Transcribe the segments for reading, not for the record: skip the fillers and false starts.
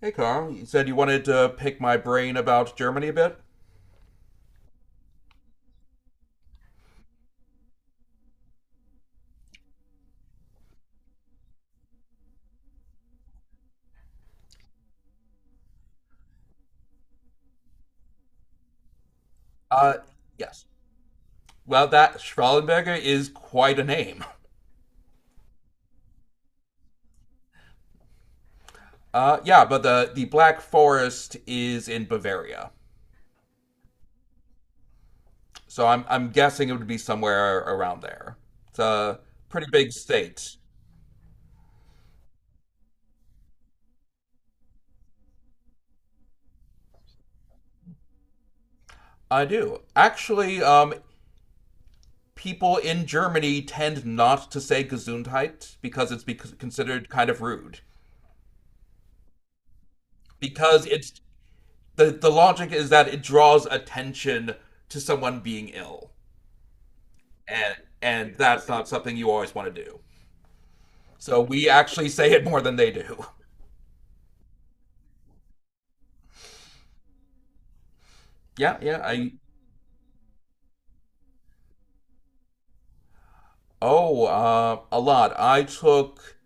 Hey, Carl. You said you wanted to pick my brain about Germany a bit? Uh, yes. Well, that Strahlenberger is quite a name. Yeah, but the Black Forest is in Bavaria. So I'm guessing it would be somewhere around there. It's a pretty big state. I do. Actually, people in Germany tend not to say Gesundheit because it's bec considered kind of rude. Because it's the logic is that it draws attention to someone being ill. and and that's not something you always want to do. So we actually say it more than they do. Yeah, yeah. A lot. I took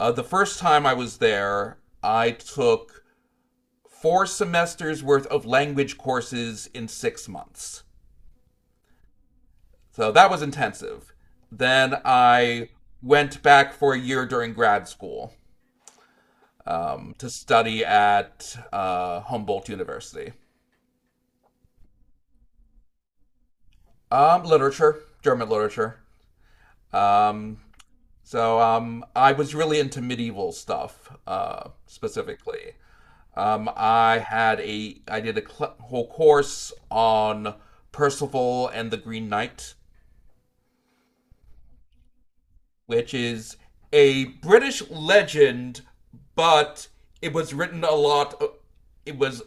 the first time I was there. I took four semesters worth of language courses in 6 months. So that was intensive. Then I went back for a year during grad school to study at Humboldt University. Literature, German literature. Um, So I was really into medieval stuff, specifically. I did a whole course on Percival and the Green Knight, which is a British legend, but it was written a lot. It was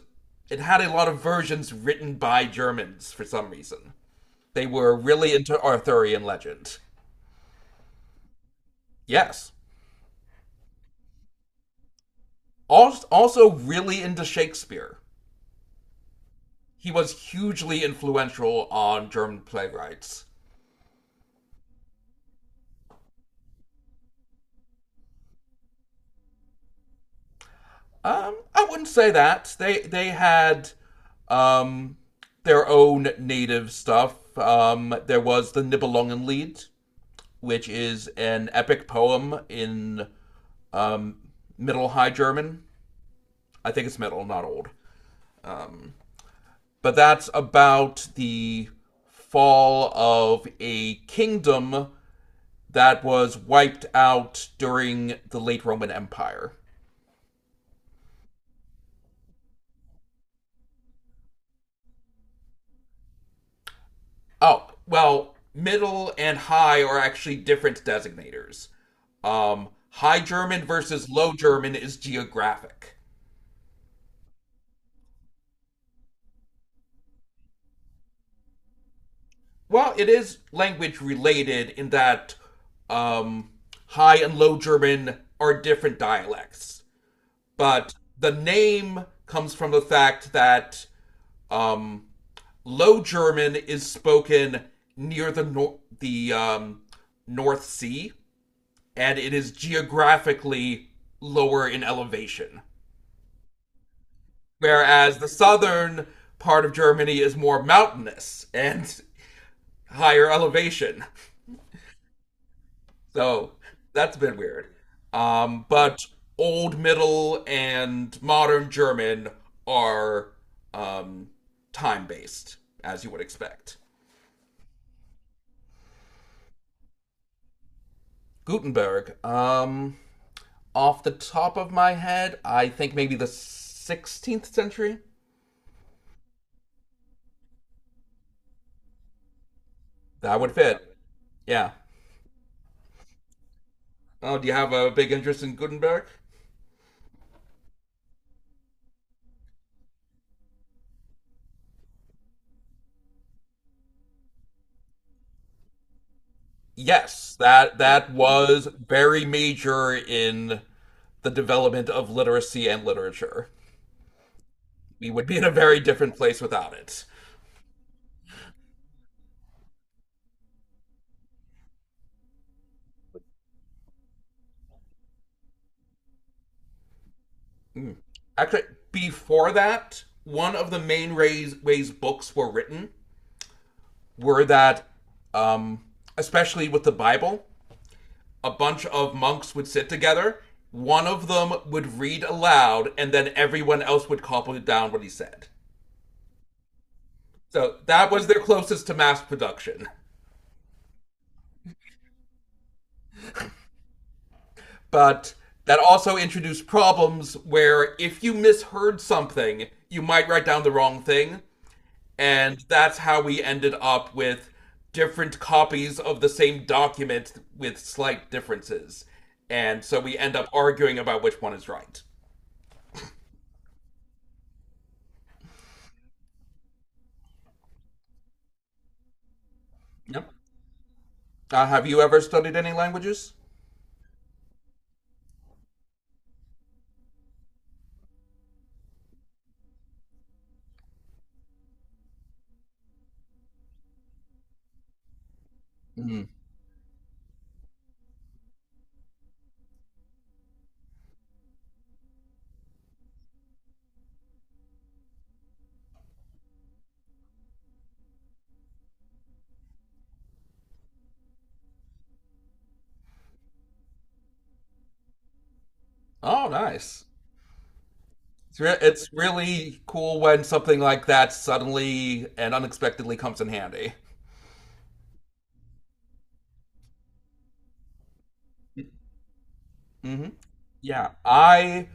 it had a lot of versions written by Germans for some reason. They were really into Arthurian legend. Yes. Also really into Shakespeare. He was hugely influential on German playwrights. I wouldn't say that. They had um, their own native stuff. There was the Nibelungen, which is an epic poem in Middle High German. I think it's Middle, not Old. But that's about the fall of a kingdom that was wiped out during the late Roman Empire. Oh, well, middle and high are actually different designators. High German versus Low German is geographic. Well, it is language related in that um, High and Low German are different dialects, but the name comes from the fact that um, Low German is spoken near the nor- the North Sea, and it is geographically lower in elevation. Whereas the southern part of Germany is more mountainous and higher elevation. So that's been weird. But Old Middle and Modern German are um, time based, as you would expect. Gutenberg, off the top of my head, I think maybe the 16th century? That would fit. Yeah. Oh, do you have a big interest in Gutenberg? Yes, that was very major in the development of literacy and literature. We would be in a very different place without it. Actually, before that, one of the main ways books were written were that, um, especially with the Bible, a bunch of monks would sit together. One of them would read aloud, and then everyone else would copy down what he said. So that was their closest to mass production. But that also introduced problems where if you misheard something, you might write down the wrong thing. And that's how we ended up with different copies of the same document with slight differences. And so we end up arguing about which one is right. Yep. Have you ever studied any languages? Mhm. Oh, nice. It's really cool when something like that suddenly and unexpectedly comes in handy. Mm-hmm. Yeah, I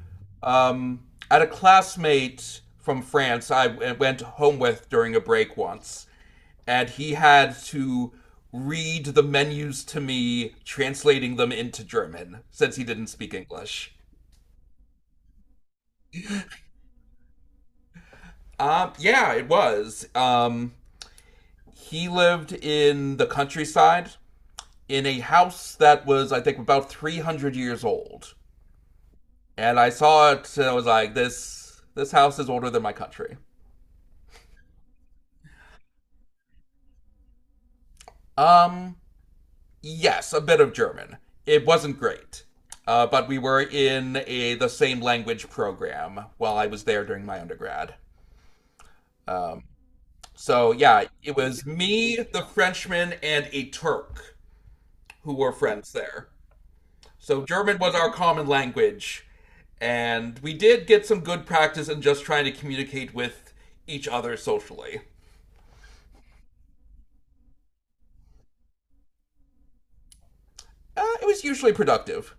had a classmate from France I went home with during a break once, and he had to read the menus to me, translating them into German since he didn't speak English. Yeah, it was. He lived in the countryside in a house that was, I think, about 300 years old. And I saw it and I was like, this house is older than my country. Um, Yes, a bit of German. It wasn't great. But we were in the same language program while I was there during my undergrad. Um, so, yeah, it was me, the Frenchman, and a Turk who were friends there. So, German was our common language. And we did get some good practice in just trying to communicate with each other socially. It was usually productive.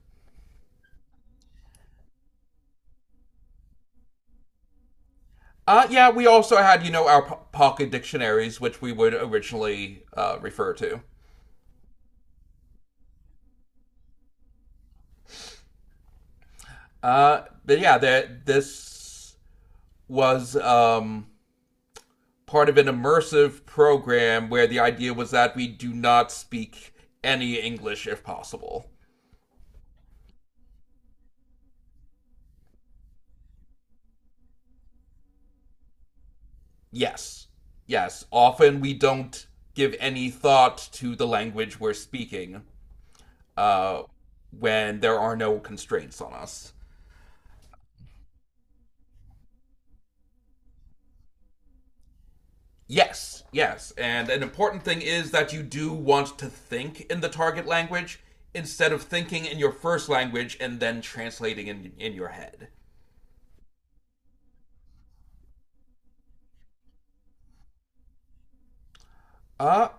Yeah, we also had, you know, our pocket dictionaries, which we would originally refer to. But yeah, that this was part of an immersive program where the idea was that we do not speak any English if possible. Yes, yes. Often we don't give any thought to the language we're speaking uh, when there are no constraints on us. Yes, yes. And an important thing is that you do want to think in the target language instead of thinking in your first language and then translating in your head. Uh,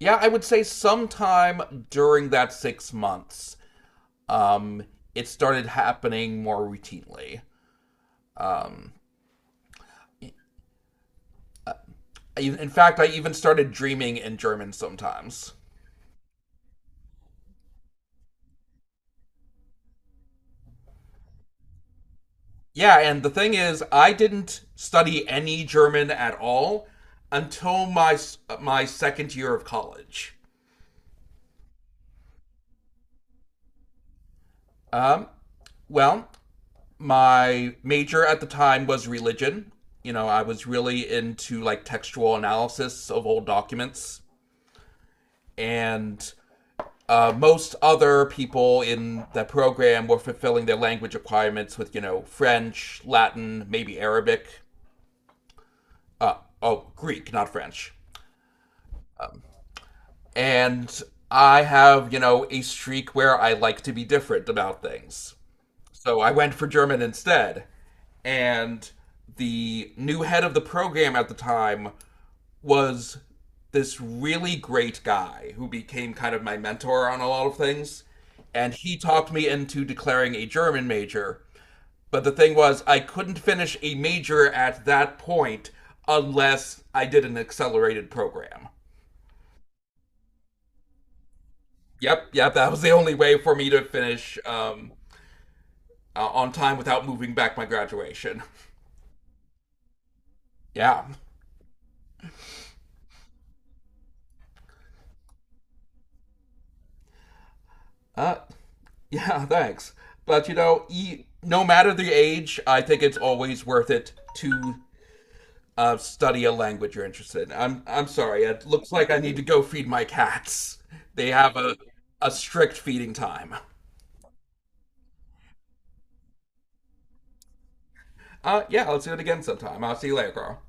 yeah, I would say sometime during that 6 months, um, it started happening more routinely. In fact, I even started dreaming in German sometimes. Yeah, and the thing is, I didn't study any German at all until my second year of college. Um, Well, my major at the time was religion. You know, I was really into like textual analysis of old documents, and most other people in the program were fulfilling their language requirements with, you know, French, Latin, maybe Arabic. Oh, Greek, not French. And I have, you know, a streak where I like to be different about things. So I went for German instead. And the new head of the program at the time was this really great guy who became kind of my mentor on a lot of things. And he talked me into declaring a German major. But the thing was, I couldn't finish a major at that point unless I did an accelerated program. Yep, yep, that was the only way for me to finish on time without moving back my graduation. Yeah. Uh, Yeah, thanks. But you know, no matter the age, I think it's always worth it to study a language you're interested in. I'm sorry. It looks like I need to go feed my cats. They have a strict feeding time. Yeah, let's do it again sometime. I'll see you later, Carl.